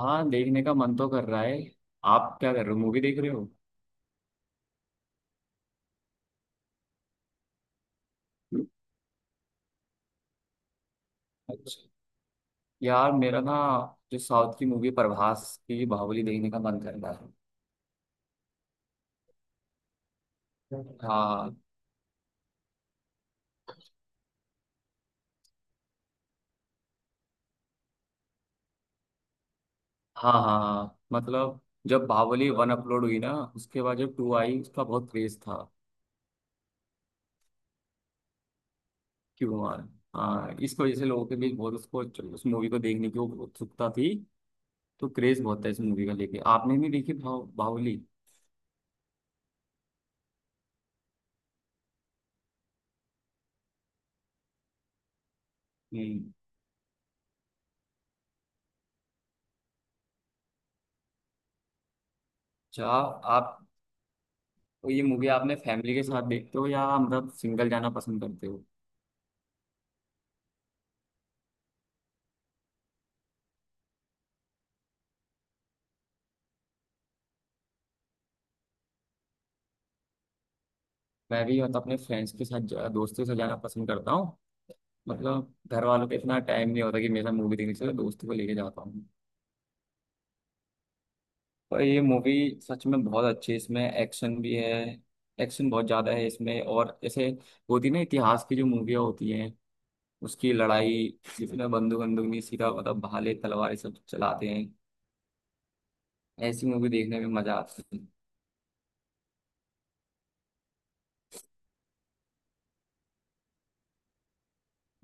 हाँ, देखने का मन तो कर रहा है। आप क्या कर रहे हो, मूवी देख रहे हो? अच्छा। यार मेरा ना जो साउथ की मूवी प्रभास की बाहुबली देखने का मन कर रहा है। हाँ, हाँ, हाँ, हाँ। मतलब जब बाहुबली 1 अपलोड हुई ना उसके बाद जब 2 आई उसका बहुत क्रेज था। क्यों यार? हाँ, इस वजह से लोगों के बीच बहुत उसको उस मूवी को देखने की उत्सुकता थी। तो क्रेज बहुत था इस मूवी का लेके। आपने भी देखी भाव बाहुबली? हम्म। अच्छा। आप तो ये मूवी आपने फैमिली के साथ देखते हो या मतलब सिंगल जाना पसंद करते हो? मैं भी मतलब अपने फ्रेंड्स के साथ दोस्तों के साथ जाना पसंद करता हूँ। मतलब घर वालों पे इतना टाइम नहीं होता कि मेरे साथ मूवी देखने चले, दोस्तों को लेके जाता हूँ। पर ये मूवी सच में बहुत अच्छी है। इसमें एक्शन भी है। एक्शन बहुत ज़्यादा है इसमें। और जैसे होती ना इतिहास की जो मूवियाँ होती हैं, उसकी लड़ाई, जिसमें बंदूक बंदूक नहीं, सीधा मतलब भाले तलवार ये सब चलाते हैं। ऐसी मूवी देखने में मजा आता है।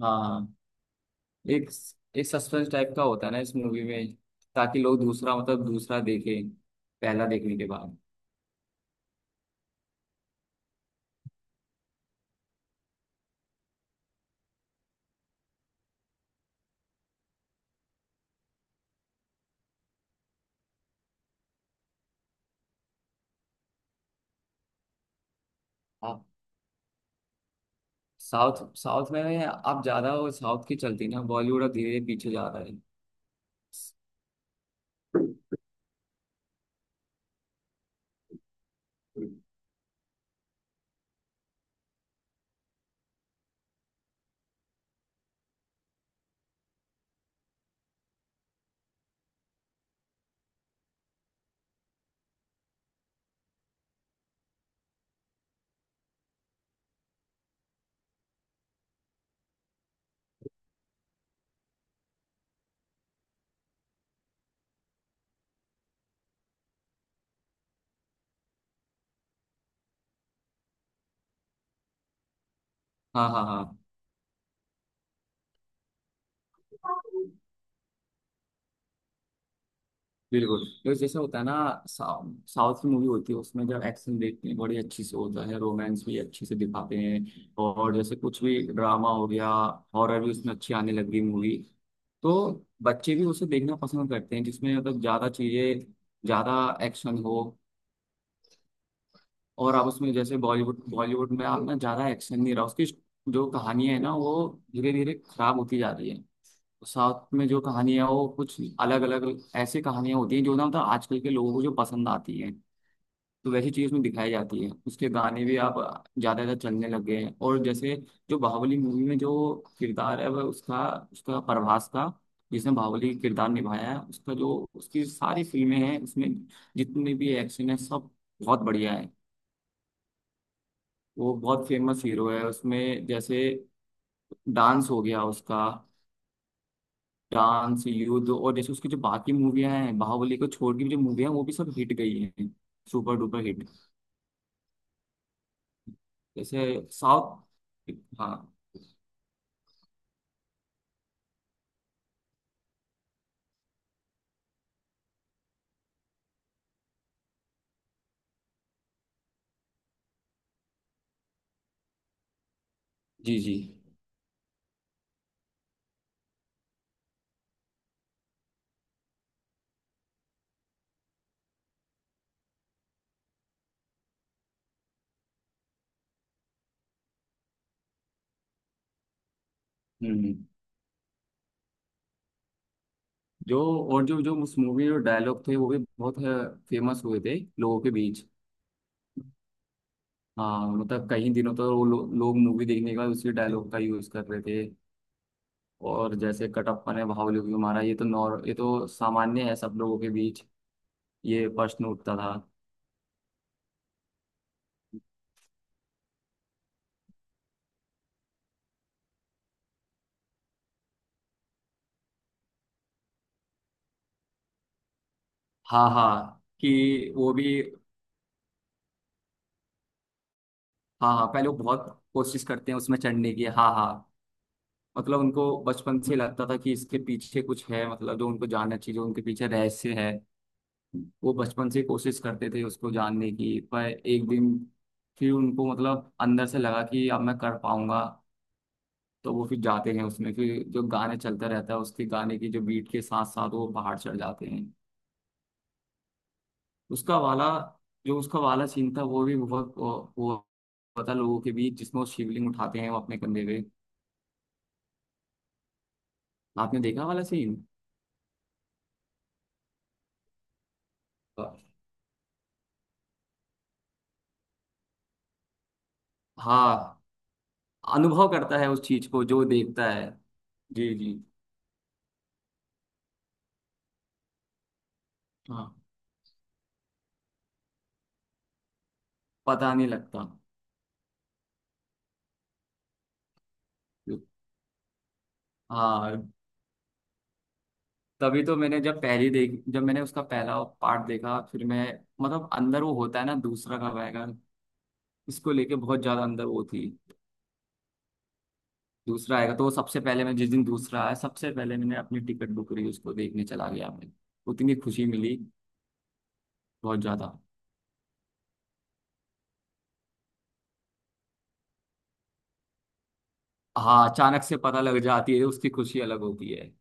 हाँ, एक एक सस्पेंस टाइप का होता है ना इस मूवी में। ताकि लोग दूसरा मतलब दूसरा देखें पहला देखने के बाद। आप साउथ साउथ में आप ज्यादा वो साउथ की चलती ना, बॉलीवुड अब धीरे धीरे पीछे जा रहा है। हाँ, हाँ, हाँ, बिल्कुल। तो जैसे होता है ना, साउथ साउथ की मूवी होती है, उसमें जब एक्शन देखते हैं बड़ी अच्छी से होता है, रोमांस भी अच्छे से दिखाते हैं, और जैसे कुछ भी ड्रामा हो गया, हॉरर भी उसमें अच्छी आने लग गई मूवी। तो बच्चे भी उसे देखना पसंद करते हैं जिसमें मतलब ज्यादा चीजें, ज्यादा एक्शन हो। और आप उसमें जैसे बॉलीवुड बॉलीवुड में आप ना ज्यादा एक्शन नहीं रहा उसकी। जो कहानियां है ना वो धीरे धीरे खराब होती जा रही है। साउथ में जो कहानियां वो कुछ अलग अलग ऐसी कहानियां होती हैं जो ना मतलब आजकल के लोगों को जो पसंद आती हैं। तो वैसी चीज उसमें दिखाई जाती है। उसके गाने भी आप ज्यादा ज्यादा चलने लग गए हैं। और जैसे जो बाहुबली मूवी में जो किरदार है वह उसका उसका प्रभास का, जिसने बाहुबली किरदार निभाया है, उसका जो उसकी सारी फिल्में हैं उसमें जितने भी एक्शन है सब बहुत बढ़िया है। वो बहुत फेमस हीरो है। उसमें जैसे डांस हो गया उसका, डांस, युद्ध, और जैसे उसकी जो बाकी मूवियां हैं बाहुबली को छोड़ के भी जो मूवियां हैं वो भी सब हिट गई हैं, सुपर डुपर हिट। जैसे साउथ, हाँ, जी, जी। हम्म, जो और जो जो उस मूवी में डायलॉग थे वो भी बहुत फेमस हुए थे लोगों के बीच। हाँ, मतलब कई दिनों तक वो लोग मूवी देखने के बाद उसी डायलॉग का यूज कर रहे थे। और जैसे कटप्पा ने बाहुबली को मारा ये तो, नॉर ये तो सामान्य है सब लोगों के बीच, ये प्रश्न उठता था। हाँ, हाँ, कि वो भी। हाँ, हाँ, पहले वो बहुत कोशिश करते हैं उसमें चढ़ने की। हाँ, हाँ। मतलब उनको बचपन से लगता था कि इसके पीछे कुछ है, मतलब जो उनको जानना चाहिए, जो उनके पीछे रहस्य है। वो बचपन से कोशिश करते थे उसको जानने की, पर एक दिन फिर उनको मतलब अंदर से लगा कि अब मैं कर पाऊंगा। तो वो फिर जाते हैं उसमें, फिर जो गाने चलता रहता है उसके गाने की जो बीट के साथ साथ वो पहाड़ चढ़ जाते हैं। उसका वाला जो उसका वाला सीन था वो भी बहुत वो पता लोगों के बीच, जिसमें वो शिवलिंग उठाते हैं वो अपने कंधे पे। आपने देखा वाला सीन? हाँ, अनुभव करता है उस चीज को जो देखता है। जी, जी। हाँ, पता नहीं लगता। हाँ, तभी तो मैंने जब पहली देख जब मैंने उसका पहला पार्ट देखा फिर मैं मतलब अंदर वो होता है ना दूसरा कब आएगा। इसको लेके बहुत ज्यादा अंदर वो थी। दूसरा आएगा तो वो सबसे पहले, मैं जिस दिन दूसरा आया सबसे पहले मैंने अपनी टिकट बुक करी, उसको देखने चला गया मैं। उतनी खुशी मिली बहुत ज्यादा। हाँ, अचानक से पता लग जाती है उसकी खुशी अलग होती है।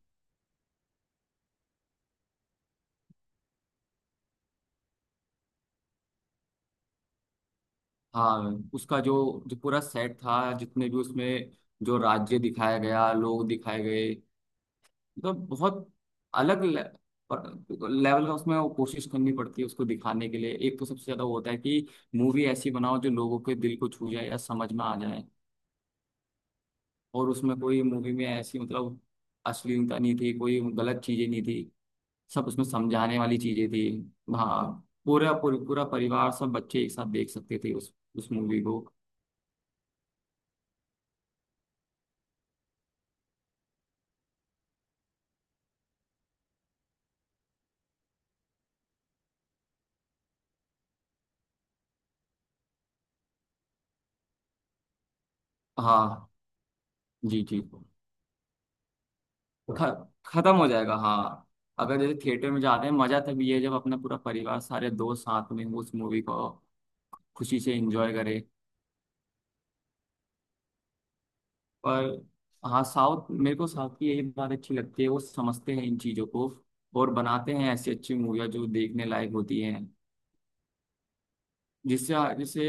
हाँ, उसका जो जो पूरा सेट था जितने भी उसमें, जो राज्य दिखाया गया, लोग दिखाए गए, मतलब बहुत अलग लेवल का। उसमें वो कोशिश करनी पड़ती है उसको दिखाने के लिए। एक तो सबसे ज्यादा वो होता है कि मूवी ऐसी बनाओ जो लोगों के दिल को छू जाए या समझ में आ जाए। और उसमें कोई, मूवी में ऐसी मतलब अश्लीलता नहीं थी, कोई गलत चीजें नहीं थी, सब उसमें समझाने वाली चीजें थी। हाँ, पूरा पूरा पूरा परिवार, सब बच्चे एक साथ देख सकते थे उस मूवी को। हाँ, जी, जी। खत्म हो जाएगा, हाँ। अगर जैसे थिएटर में जाते हैं मजा तभी है जब अपना पूरा परिवार, सारे दोस्त साथ में उस मूवी को खुशी से एंजॉय करे। पर हाँ, साउथ मेरे को साउथ की यही बात अच्छी लगती है, वो समझते हैं इन चीजों को और बनाते हैं ऐसी अच्छी मूवियाँ जो देखने लायक होती हैं। जिससे जिससे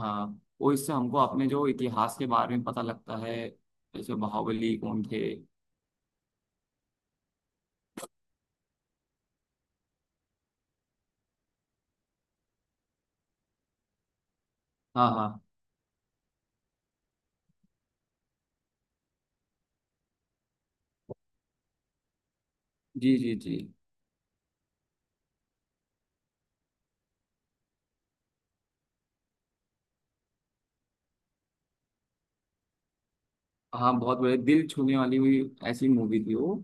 हाँ, वो इससे हमको अपने जो इतिहास के बारे में पता लगता है, जैसे बाहुबली कौन थे। हाँ, हाँ। जी, जी, जी। हाँ, बहुत बड़े दिल छूने वाली हुई ऐसी मूवी थी वो।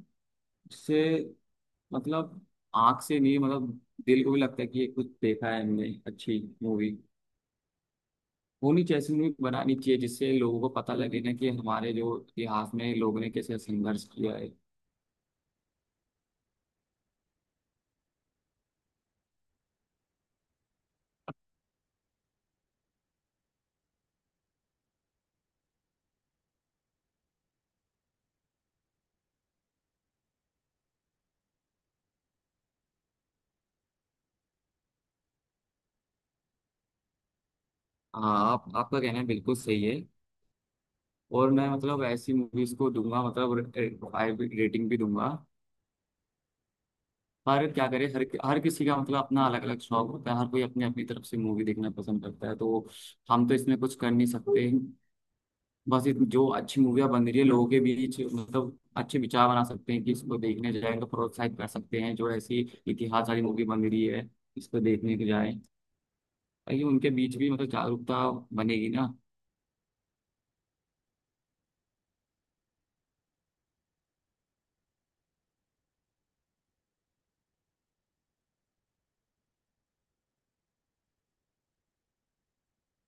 जिससे मतलब आंख से नहीं, मतलब दिल को भी लगता है कि ये कुछ देखा है हमने। अच्छी मूवी होनी चाहिए, ऐसी मूवी बनानी चाहिए जिससे लोगों को पता लगे ना कि हमारे जो इतिहास में लोगों ने कैसे संघर्ष किया है। हाँ, आप आपका कहना बिल्कुल सही है। और मैं मतलब ऐसी मूवीज को दूंगा, मतलब 5 रेटिंग भी दूंगा। पर क्या करे, हर हर किसी का मतलब अपना अलग अलग शौक होता है, हर कोई अपनी अपनी तरफ से मूवी देखना पसंद करता है, तो हम तो इसमें कुछ कर नहीं सकते। बस जो अच्छी मूवियाँ बन रही है लोगों के बीच मतलब अच्छे विचार बना सकते हैं कि इसको देखने जाए, तो प्रोत्साहित कर सकते हैं जो ऐसी इतिहास वाली मूवी बन रही है, इसको देखने के जाए ताकि उनके बीच भी मतलब जागरूकता बनेगी ना।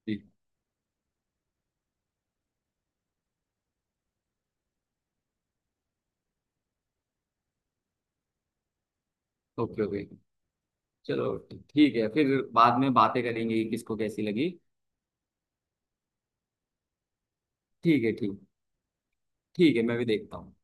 जी। Okay, okay. चलो ठीक है फिर। बाद में बातें करेंगे कि किसको कैसी लगी। ठीक है, ठीक। ठीक है, मैं भी देखता हूँ।